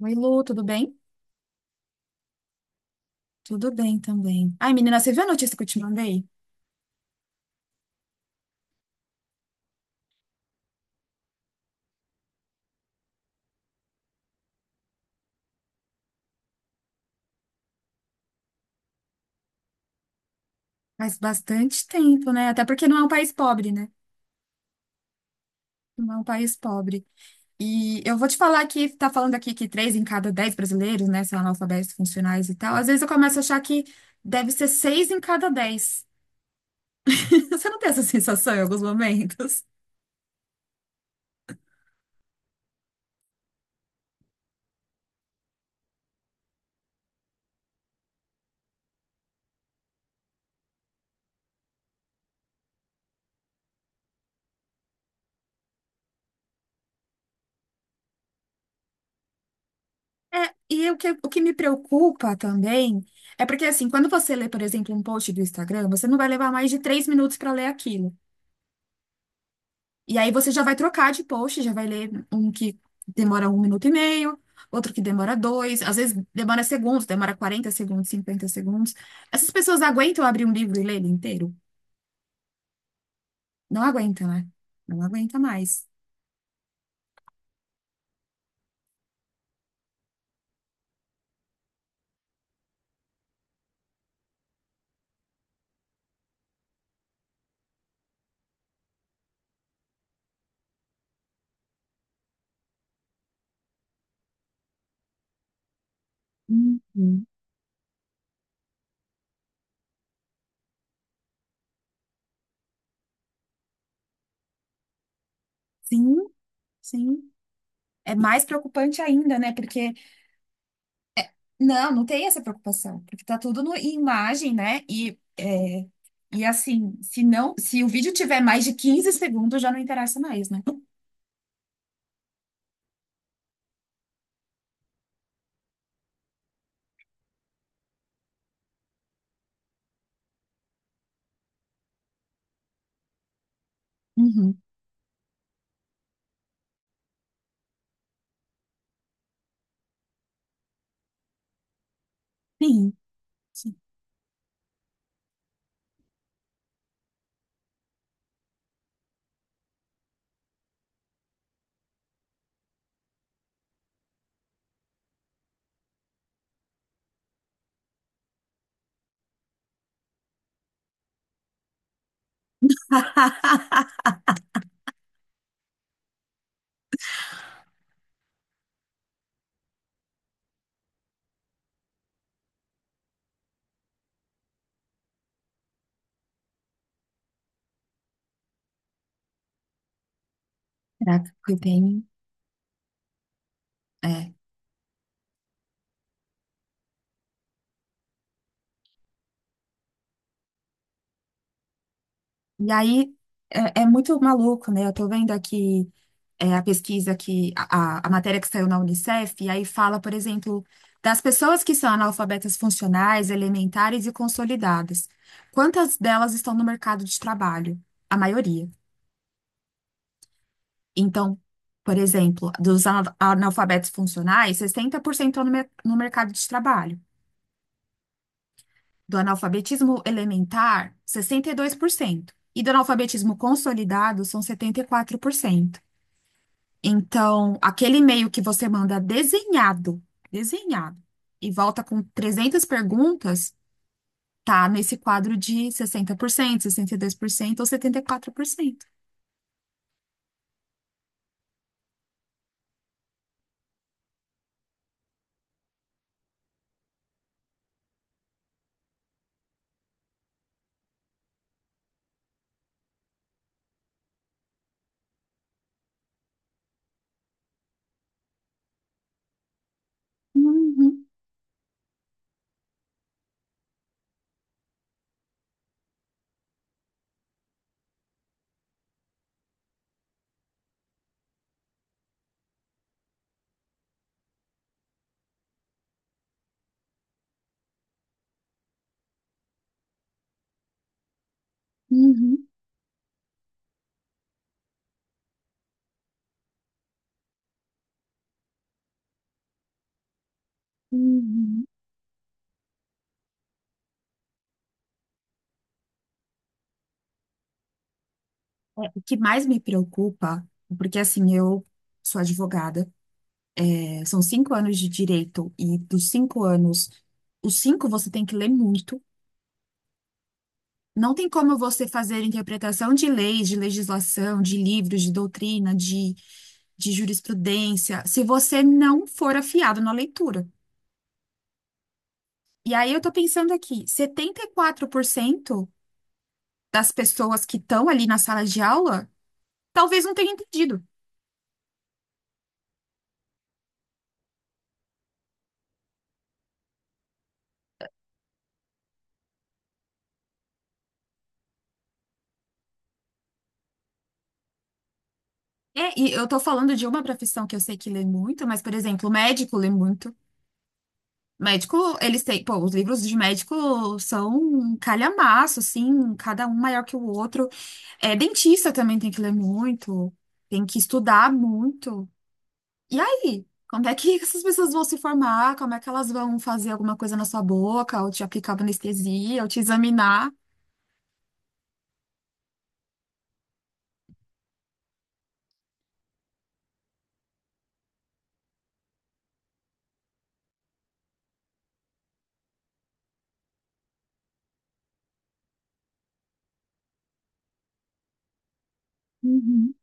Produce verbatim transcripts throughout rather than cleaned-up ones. Oi, Lu, tudo bem? Tudo bem também. Ai, menina, você viu a notícia que eu te mandei? Faz bastante tempo, né? Até porque não é um país pobre, né? Não é um país pobre. E eu vou te falar que tá falando aqui que três em cada dez brasileiros, né, são analfabetos funcionais e tal. Às vezes eu começo a achar que deve ser seis em cada dez. Você não tem essa sensação em alguns momentos? É, e o que, o que me preocupa também é porque, assim, quando você lê, por exemplo, um post do Instagram, você não vai levar mais de três minutos para ler aquilo. E aí você já vai trocar de post, já vai ler um que demora um minuto e meio, outro que demora dois, às vezes demora segundos, demora quarenta segundos, cinquenta segundos. Essas pessoas aguentam abrir um livro e ler ele inteiro? Não aguenta, né? Não aguenta mais. Uhum. Sim, sim. É mais preocupante ainda, né? Porque não, não tem essa preocupação, porque tá tudo no, em imagem, né? E, é, e assim, se não, se o vídeo tiver mais de quinze segundos, já não interessa mais, né? Uhum. Sim. Caraca, porque tem. É. E aí é, é muito maluco, né? Eu tô vendo aqui é, a pesquisa que a, a a matéria que saiu na Unicef, e aí fala, por exemplo, das pessoas que são analfabetas funcionais, elementares e consolidadas. Quantas delas estão no mercado de trabalho? A maioria. Então, por exemplo, dos ana- analfabetos funcionais, sessenta por cento estão no, mer- no mercado de trabalho. Do analfabetismo elementar, sessenta e dois por cento, e do analfabetismo consolidado, são setenta e quatro por cento. Então, aquele e-mail que você manda desenhado, desenhado, e volta com trezentas perguntas, tá nesse quadro de sessenta sessenta por cento, sessenta e dois por cento, ou setenta e quatro por cento. Uhum, uhum, uhum. É, o que mais me preocupa, porque assim, eu sou advogada. São cinco anos de direito, e dos cinco anos, os cinco você tem que ler muito. Não tem como você fazer interpretação de leis, de legislação, de livros, de doutrina, de, de jurisprudência, se você não for afiado na leitura. E aí eu tô pensando aqui, setenta e quatro por cento das pessoas que estão ali na sala de aula talvez não tenham entendido. É, e eu tô falando de uma profissão que eu sei que lê muito, mas, por exemplo, o médico lê muito. Médico, eles têm, pô, os livros de médico são um calhamaço, assim, cada um maior que o outro. É, dentista também tem que ler muito, tem que estudar muito. E aí? Como é que essas pessoas vão se formar? Como é que elas vão fazer alguma coisa na sua boca, ou te aplicar uma anestesia, ou te examinar? Uhum.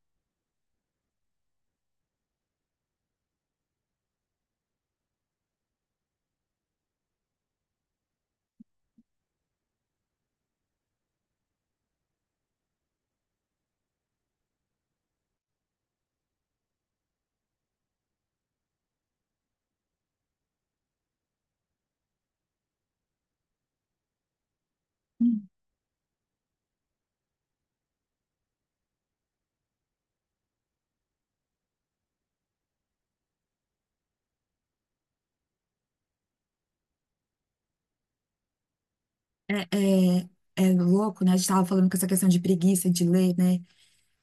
É, é, é louco, né? A gente tava falando com essa questão de preguiça de ler, né?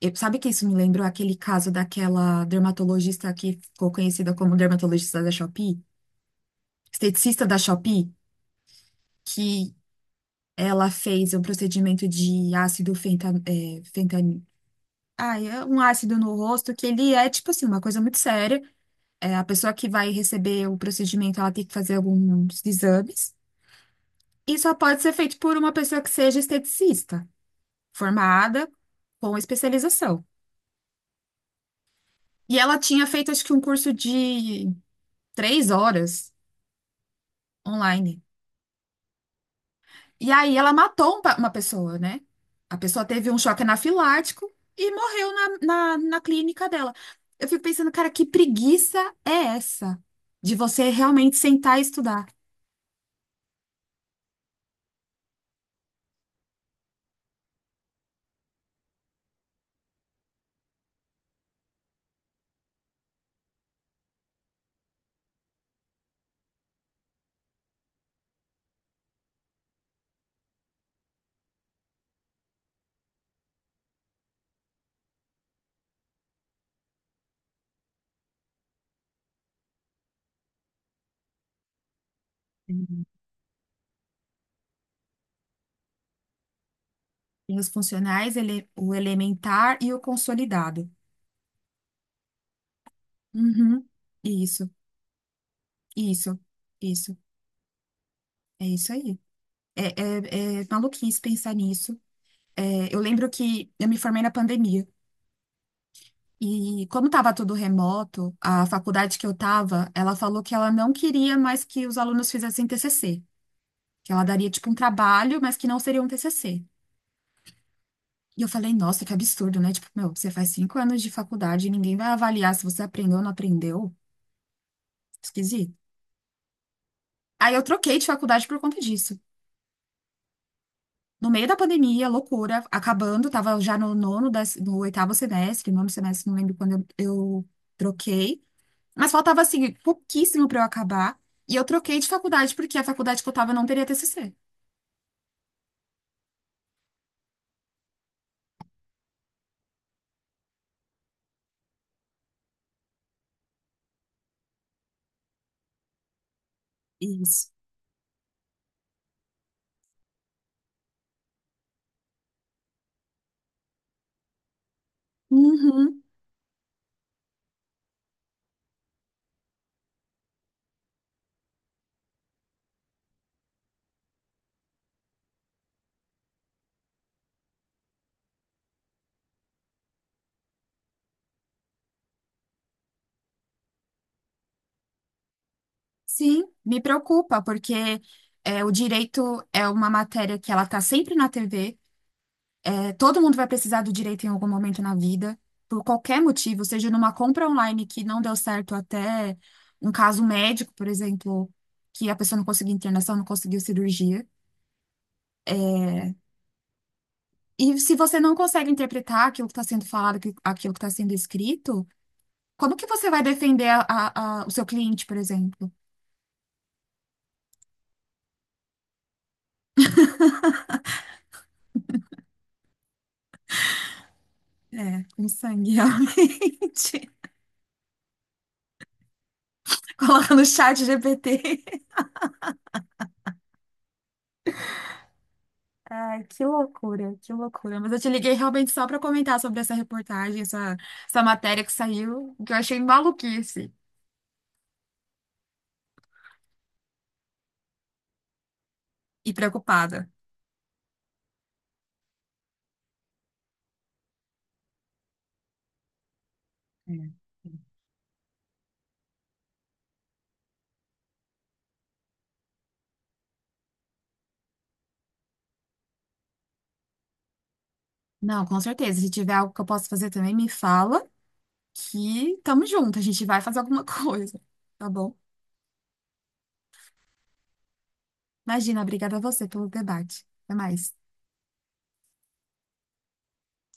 Eu- sabe que isso me lembrou aquele caso daquela dermatologista que ficou conhecida como dermatologista da Shopee? Esteticista da Shopee, que ela fez um procedimento de ácido fenta, é, fentan- ah, é um ácido no rosto, que ele é, tipo assim, uma coisa muito séria. É, a pessoa que vai receber o procedimento, ela tem que fazer alguns exames. E só pode ser feito por uma pessoa que seja esteticista, formada com especialização. E ela tinha feito, acho que, um curso de três horas online. E aí ela matou um pa- uma pessoa, né? A pessoa teve um choque anafilático e morreu na, na, na clínica dela. Eu fico pensando, cara, que preguiça é essa de você realmente sentar e estudar? Uhum. Tem os funcionais, ele, o elementar e o consolidado. Uhum. Isso, isso, isso. É isso aí. É, é, é maluquice pensar nisso. É, eu lembro que eu me formei na pandemia. E como estava tudo remoto, a faculdade que eu estava, ela falou que ela não queria mais que os alunos fizessem T C C, que ela daria tipo um trabalho, mas que não seria um T C C. E eu falei, nossa, que absurdo, né? Tipo, meu, você faz cinco anos de faculdade e ninguém vai avaliar se você aprendeu ou não aprendeu. Esquisito. Aí eu troquei de faculdade por conta disso. No meio da pandemia, loucura, acabando, tava já no nono, déc- no oitavo semestre, nono semestre, não lembro quando eu eu troquei. Mas faltava, assim, pouquíssimo pra eu acabar. E eu troquei de faculdade, porque a faculdade que eu tava não teria T C C. Isso. Uhum, sim, me preocupa, porque é, o direito é uma matéria que ela tá sempre na T V. É, todo mundo vai precisar do direito em algum momento na vida, por qualquer motivo, seja numa compra online que não deu certo, até um caso médico, por exemplo, que a pessoa não conseguiu internação, não conseguiu cirurgia. É, e se você não consegue interpretar aquilo que está sendo falado, aquilo que está sendo escrito, como que você vai defender a- a- a- o seu cliente, por exemplo? É, com sangue, realmente. Coloca no chat G P T. Ai, que loucura, que loucura. Mas eu te liguei realmente só para comentar sobre essa reportagem, essa, essa matéria que saiu, que eu achei maluquice e preocupada. É. Não, com certeza. Se tiver algo que eu possa fazer também, me fala que tamo junto. A gente vai fazer alguma coisa, tá bom? Imagina, obrigada a você pelo debate. Até mais.